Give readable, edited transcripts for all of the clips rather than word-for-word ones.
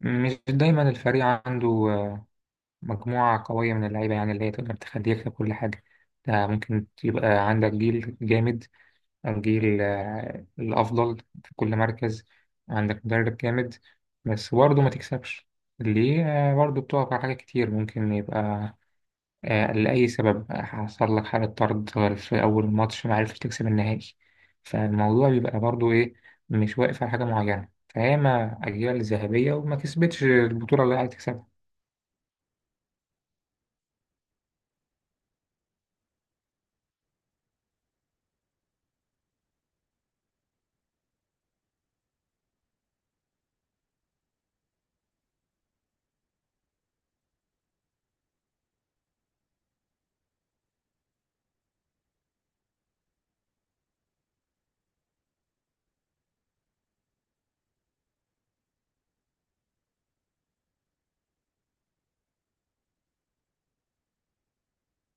مش دايما الفريق عنده مجموعة قوية من اللعيبة يعني اللي هي تقدر تخليه يكسب كل حاجة. ده ممكن يبقى عندك جيل جامد، الجيل الأفضل في كل مركز، عندك مدرب جامد، بس برضه ما تكسبش ليه؟ برضه بتقف على حاجات كتير ممكن يبقى لأي سبب حصل لك حالة طرد في أول ماتش ما عرفتش تكسب النهائي. فالموضوع بيبقى برضو إيه، مش واقف على حاجة معينة فهي ما أجيال الذهبية وما كسبتش البطولة اللي عايز تكسبها.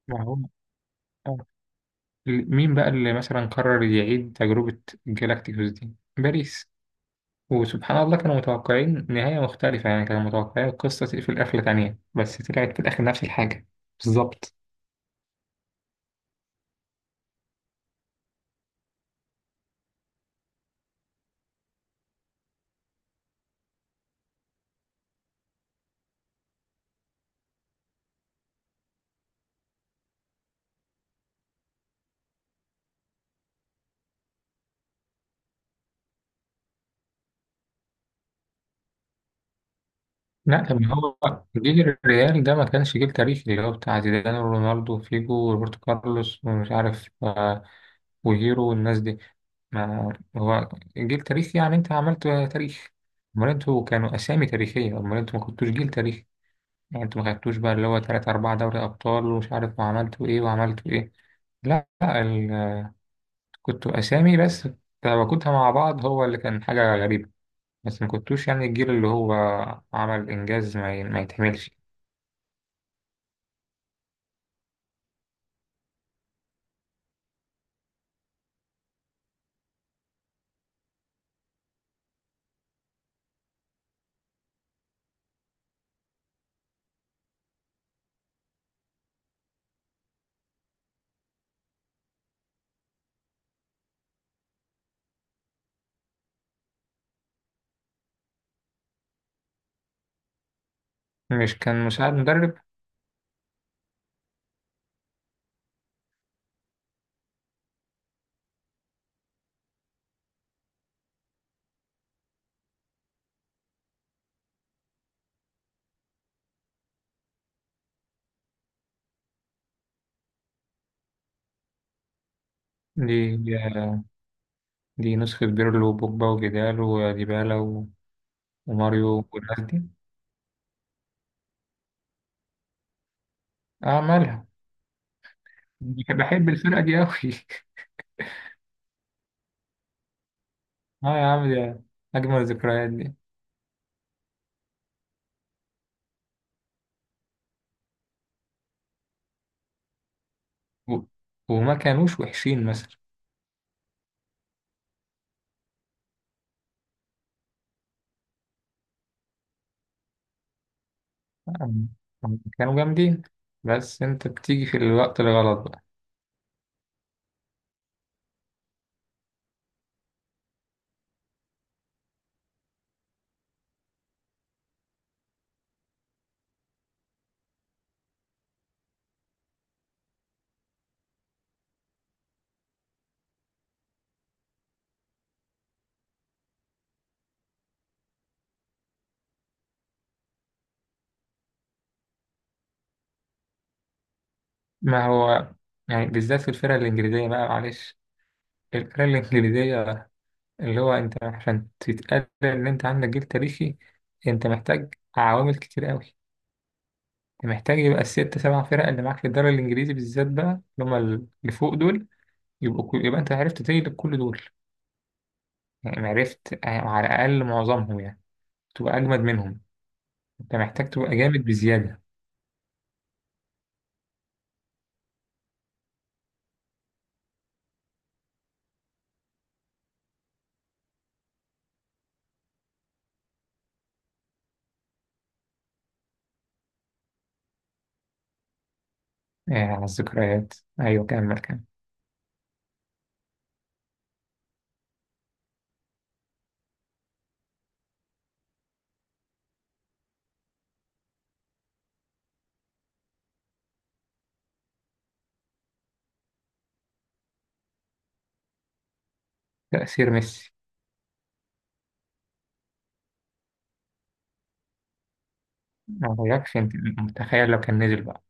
ما هو آه. مين بقى اللي مثلا قرر يعيد تجربة جالاكتيكوس دي؟ باريس. وسبحان الله كانوا متوقعين نهاية مختلفة يعني كانوا متوقعين القصة تقفل قفلة تانية بس طلعت في الآخر نفس الحاجة بالظبط. لا طب ما هو جيل الريال ده ما كانش جيل تاريخي اللي هو بتاع زيدان ورونالدو وفيجو وروبرتو كارلوس ومش عارف وهيرو والناس دي. ما هو جيل تاريخي يعني انت عملت تاريخ، امال انتوا كانوا اسامي تاريخية، امال انتوا ما كنتوش جيل تاريخي؟ يعني انتوا ما خدتوش بقى اللي هو تلات أربعة دوري أبطال ومش عارف وعملتوا إيه وعملتوا إيه. لا لا، ال... كنتوا أسامي بس، تواجدها مع بعض هو اللي كان حاجة غريبة. بس ما كنتوش يعني الجيل اللي هو عمل إنجاز ما يتحملش. مش كان مساعد مدرب؟ دي دي, دي نسخة بيرلو وبوجبا وجدال وديبالا وماريو والناس دي. اه مالها. بحب الفرقة دي أوي. اه يا عم دي أجمل الذكريات دي. و- وما كانوش وحشين مثلا. آم، آم، كانوا جامدين بس أنت بتيجي في الوقت الغلط بقى. ما هو يعني بالذات في الفرقة الإنجليزية بقى معلش، الفرقة الإنجليزية اللي هو أنت عشان تتقال إن أنت عندك جيل تاريخي أنت محتاج عوامل كتير أوي. أنت محتاج يبقى الست سبع فرق اللي معاك في الدوري الإنجليزي بالذات بقى اللي هما اللي فوق دول، يبقى أنت عرفت تغلب كل دول، يعني عرفت على الأقل معظمهم يعني، تبقى أجمد منهم. أنت محتاج تبقى جامد بزيادة. آه، على الذكريات. أيوة، كمل. تأثير ميسي. ما غيركش أنت؟ متخيل لو كان نزل بقى.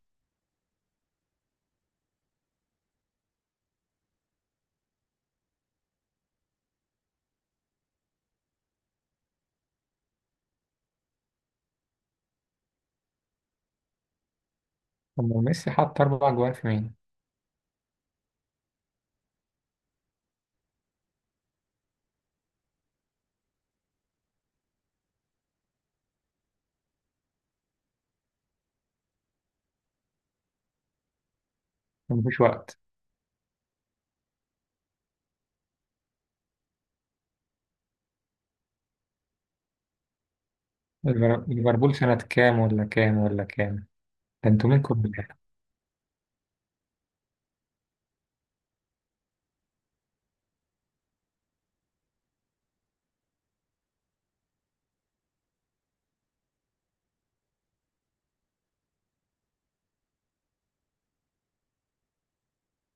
طب ما ميسي حط أربع جوان في مين؟ مفيش وقت. ليفربول سنة كام ولا كام ولا كام؟ ده انتوا منكم بالله.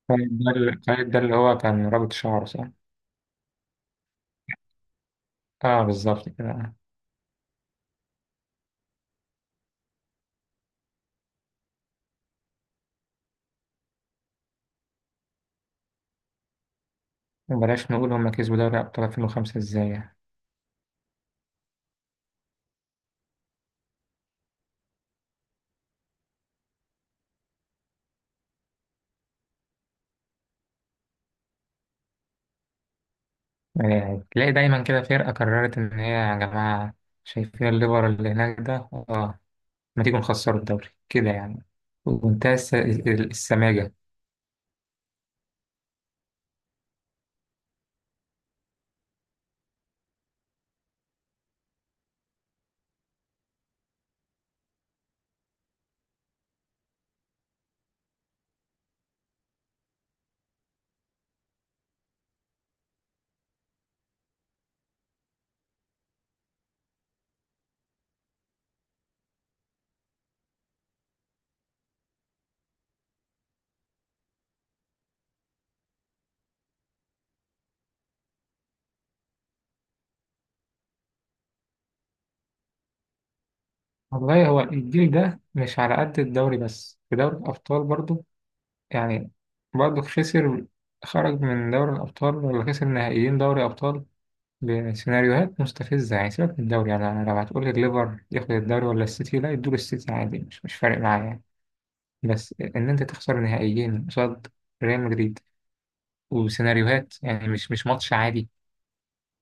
طيب ده اللي هو كان رابط شعره صح؟ اه بالظبط كده. وبلاش نقول هما كسبوا دوري أبطال 2005 إزاي يعني. يعني تلاقي دايما كده فرقة قررت إن هي يا جماعة شايفين الليفر اللي هناك ده آه، ما تيجوا نخسروا الدوري كده يعني. ومنتهى السماجة. والله هو الجيل ده مش على قد الدوري بس في دوري الأبطال برضو يعني. برضو خسر، خرج من دوري الأبطال ولا خسر نهائيين دوري أبطال بسيناريوهات مستفزة. يعني سيبك من الدوري، يعني أنا لو هتقول لي الليفر ياخد الدوري ولا السيتي لا يدور السيتي عادي، مش فارق معايا. بس ان انت تخسر نهائيين قصاد ريال مدريد وسيناريوهات يعني مش ماتش عادي.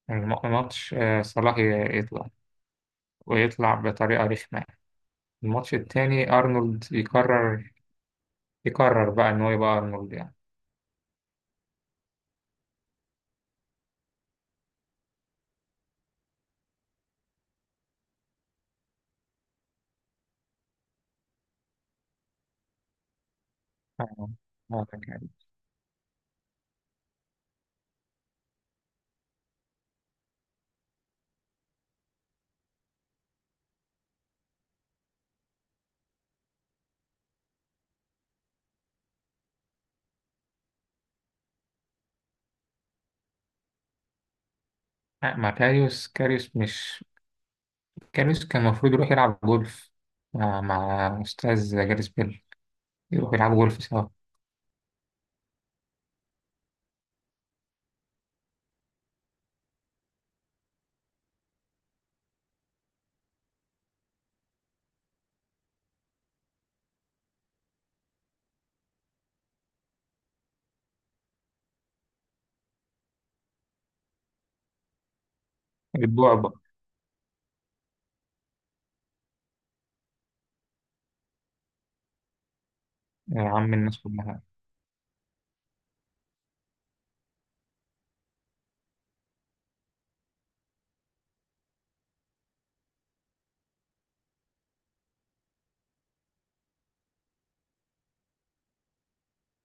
يعني ماتش، صلاح يطلع، ويطلع بطريقة رخمة يعني. الماتش التاني أرنولد يقرر، يقرر بقى إن هو يبقى أرنولد يعني. آه، آه، يعني. آه، مع كاريوس. كاريوس مش كاريوس كان المفروض يروح يلعب جولف مع أستاذ جاريس بيل، يروح يلعب جولف سوا. البعبع. يا عم الناس كلها.